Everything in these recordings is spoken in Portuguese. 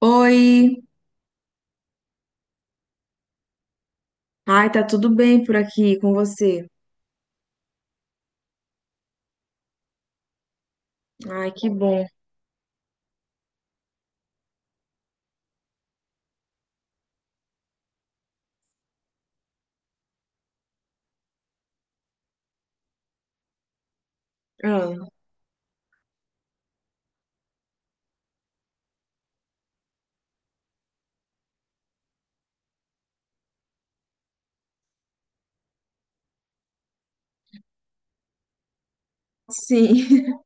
Oi, ai, tá tudo bem por aqui com você? Ai, que bom. Ah, sim,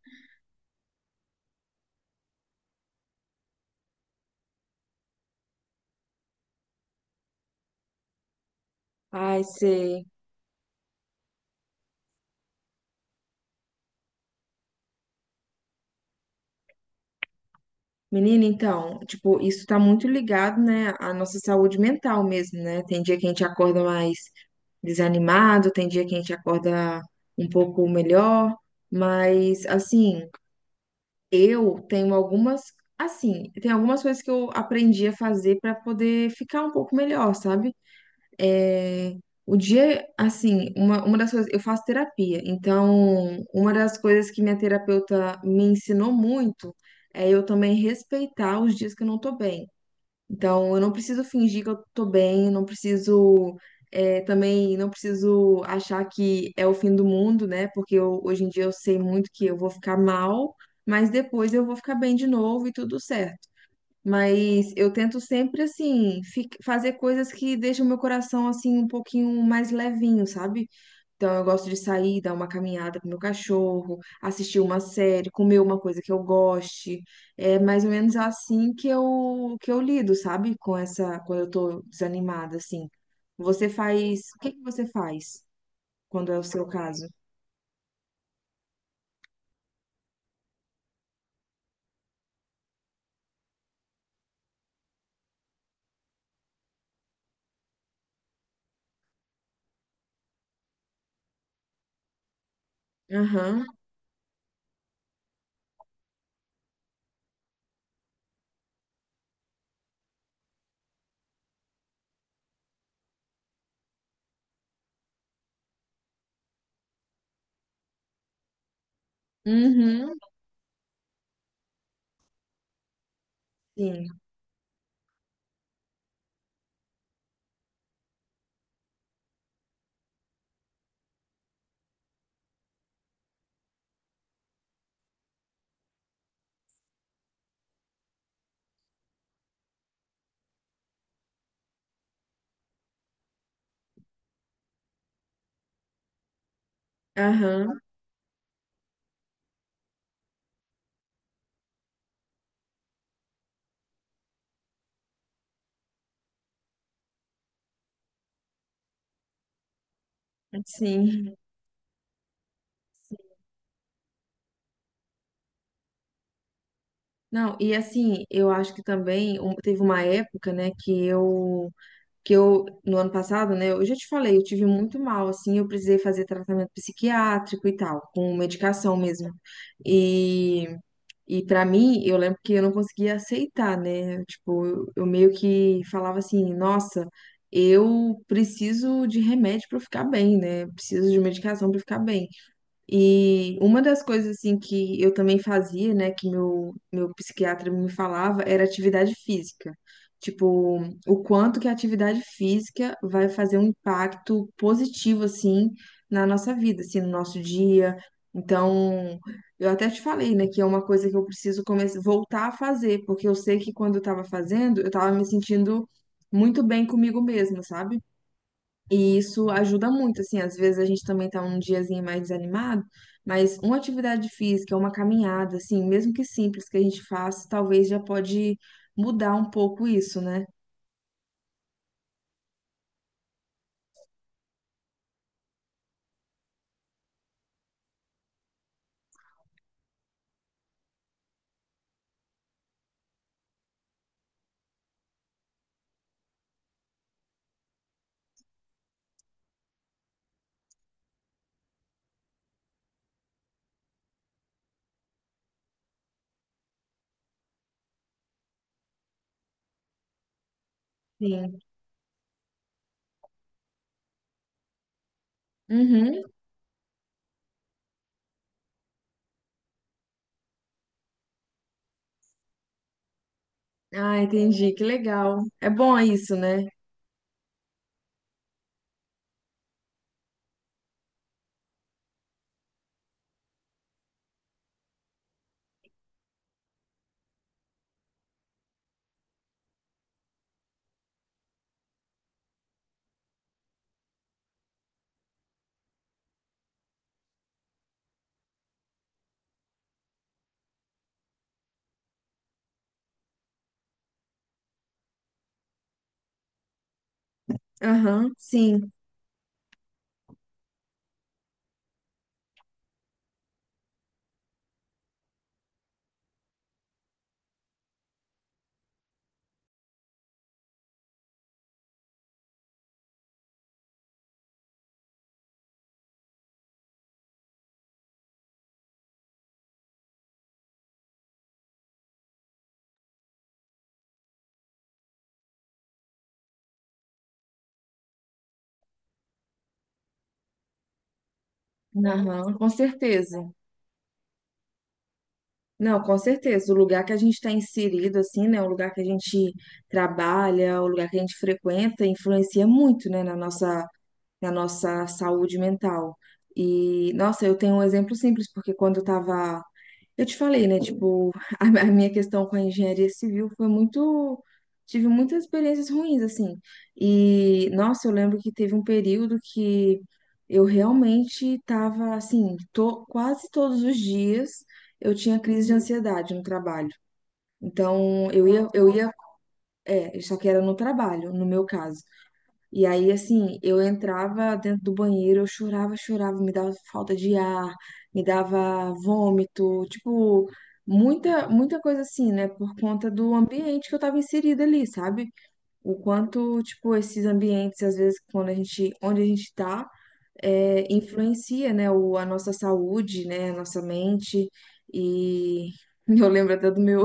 ai, sei. Menina, então, tipo, isso tá muito ligado, né, à nossa saúde mental mesmo, né? Tem dia que a gente acorda mais desanimado, tem dia que a gente acorda um pouco melhor, mas, assim, eu tenho algumas, assim, tem algumas coisas que eu aprendi a fazer pra poder ficar um pouco melhor, sabe? É, o dia, assim, uma das coisas, eu faço terapia, então uma das coisas que minha terapeuta me ensinou muito é eu também respeitar os dias que eu não tô bem. Então, eu não preciso fingir que eu tô bem, eu não preciso, é, também, não preciso achar que é o fim do mundo, né? Porque hoje em dia eu sei muito que eu vou ficar mal, mas depois eu vou ficar bem de novo e tudo certo. Mas eu tento sempre, assim, fazer coisas que deixam meu coração, assim, um pouquinho mais levinho, sabe? Então, eu gosto de sair, dar uma caminhada com meu cachorro, assistir uma série, comer uma coisa que eu goste. É mais ou menos assim que eu lido, sabe? Com essa, quando eu tô desanimada, assim. Você faz, o que que você faz quando é o seu caso? Aham, uhum, sim, aham, sim. Não, e assim, eu acho que também teve uma época, né, que eu, no ano passado, né, eu já te falei, eu tive muito mal, assim, eu precisei fazer tratamento psiquiátrico e tal, com medicação mesmo. E, e para mim, eu lembro que eu não conseguia aceitar, né, tipo, eu meio que falava assim, nossa, eu preciso de remédio para ficar bem, né, eu preciso de medicação para ficar bem. E uma das coisas assim que eu também fazia, né, que meu psiquiatra me falava, era atividade física. Tipo, o quanto que a atividade física vai fazer um impacto positivo assim na nossa vida, assim, no nosso dia. Então, eu até te falei, né, que é uma coisa que eu preciso começar voltar a fazer, porque eu sei que quando eu tava fazendo, eu tava me sentindo muito bem comigo mesma, sabe? E isso ajuda muito, assim, às vezes a gente também tá um diazinho mais desanimado, mas uma atividade física, uma caminhada, assim, mesmo que simples que a gente faça, talvez já pode mudar um pouco isso, né? Sim. Uhum. Ah, entendi, que legal. É bom isso, né? Aham, sim. Aham, com certeza. Não, com certeza. O lugar que a gente está inserido, assim, né? O lugar que a gente trabalha, o lugar que a gente frequenta, influencia muito, né, na nossa saúde mental. E, nossa, eu tenho um exemplo simples, porque quando eu tava. Eu te falei, né? Tipo, a minha questão com a engenharia civil foi muito. Tive muitas experiências ruins, assim. E, nossa, eu lembro que teve um período que eu realmente tava, assim, quase todos os dias eu tinha crise de ansiedade no trabalho. Então, eu ia, é, só que era no trabalho, no meu caso. E aí, assim, eu entrava dentro do banheiro, eu chorava, chorava, me dava falta de ar, me dava vômito, tipo, muita coisa assim, né? Por conta do ambiente que eu tava inserida ali, sabe? O quanto, tipo, esses ambientes, às vezes, quando a gente, onde a gente tá, é, influencia, né? O, a nossa saúde, né? A nossa mente. E eu lembro até do meu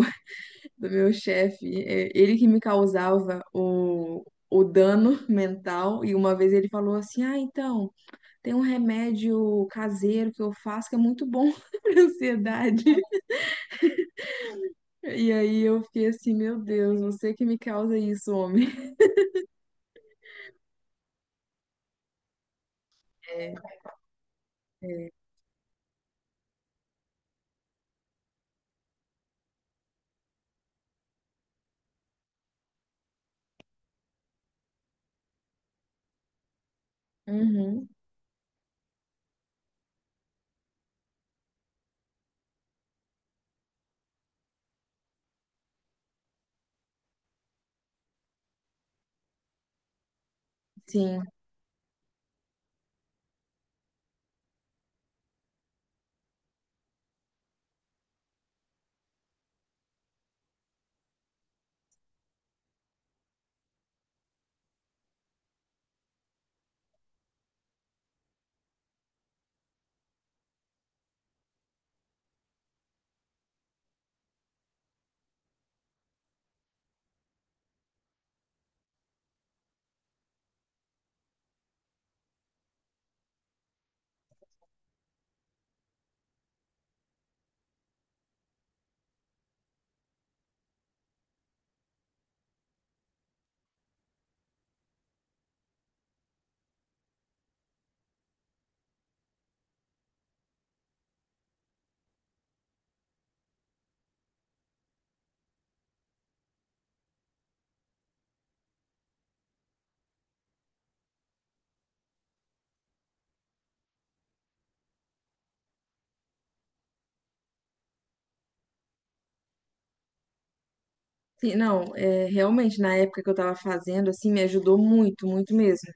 do meu chefe, é, ele que me causava o dano mental. E uma vez ele falou assim: Ah, então, tem um remédio caseiro que eu faço que é muito bom para ansiedade. E aí eu fiquei assim: Meu Deus, você que me causa isso, homem. É, uhum, sim. Sim, não, é, realmente na época que eu tava fazendo, assim, me ajudou muito, muito mesmo.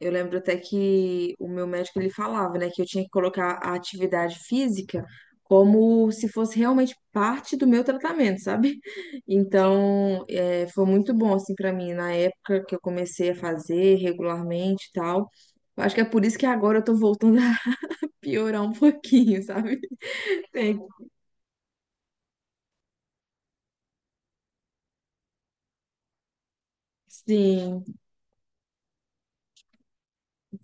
Eu lembro até que o meu médico ele falava, né, que eu tinha que colocar a atividade física como se fosse realmente parte do meu tratamento, sabe? Então, é, foi muito bom assim para mim na época que eu comecei a fazer regularmente e tal. Eu acho que é por isso que agora eu tô voltando a piorar um pouquinho, sabe? Tem- Sim,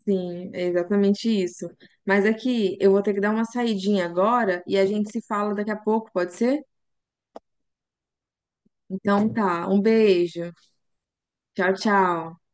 sim, é exatamente isso. Mas aqui eu vou ter que dar uma saidinha agora e a gente se fala daqui a pouco, pode ser? Então tá, um beijo. Tchau, tchau.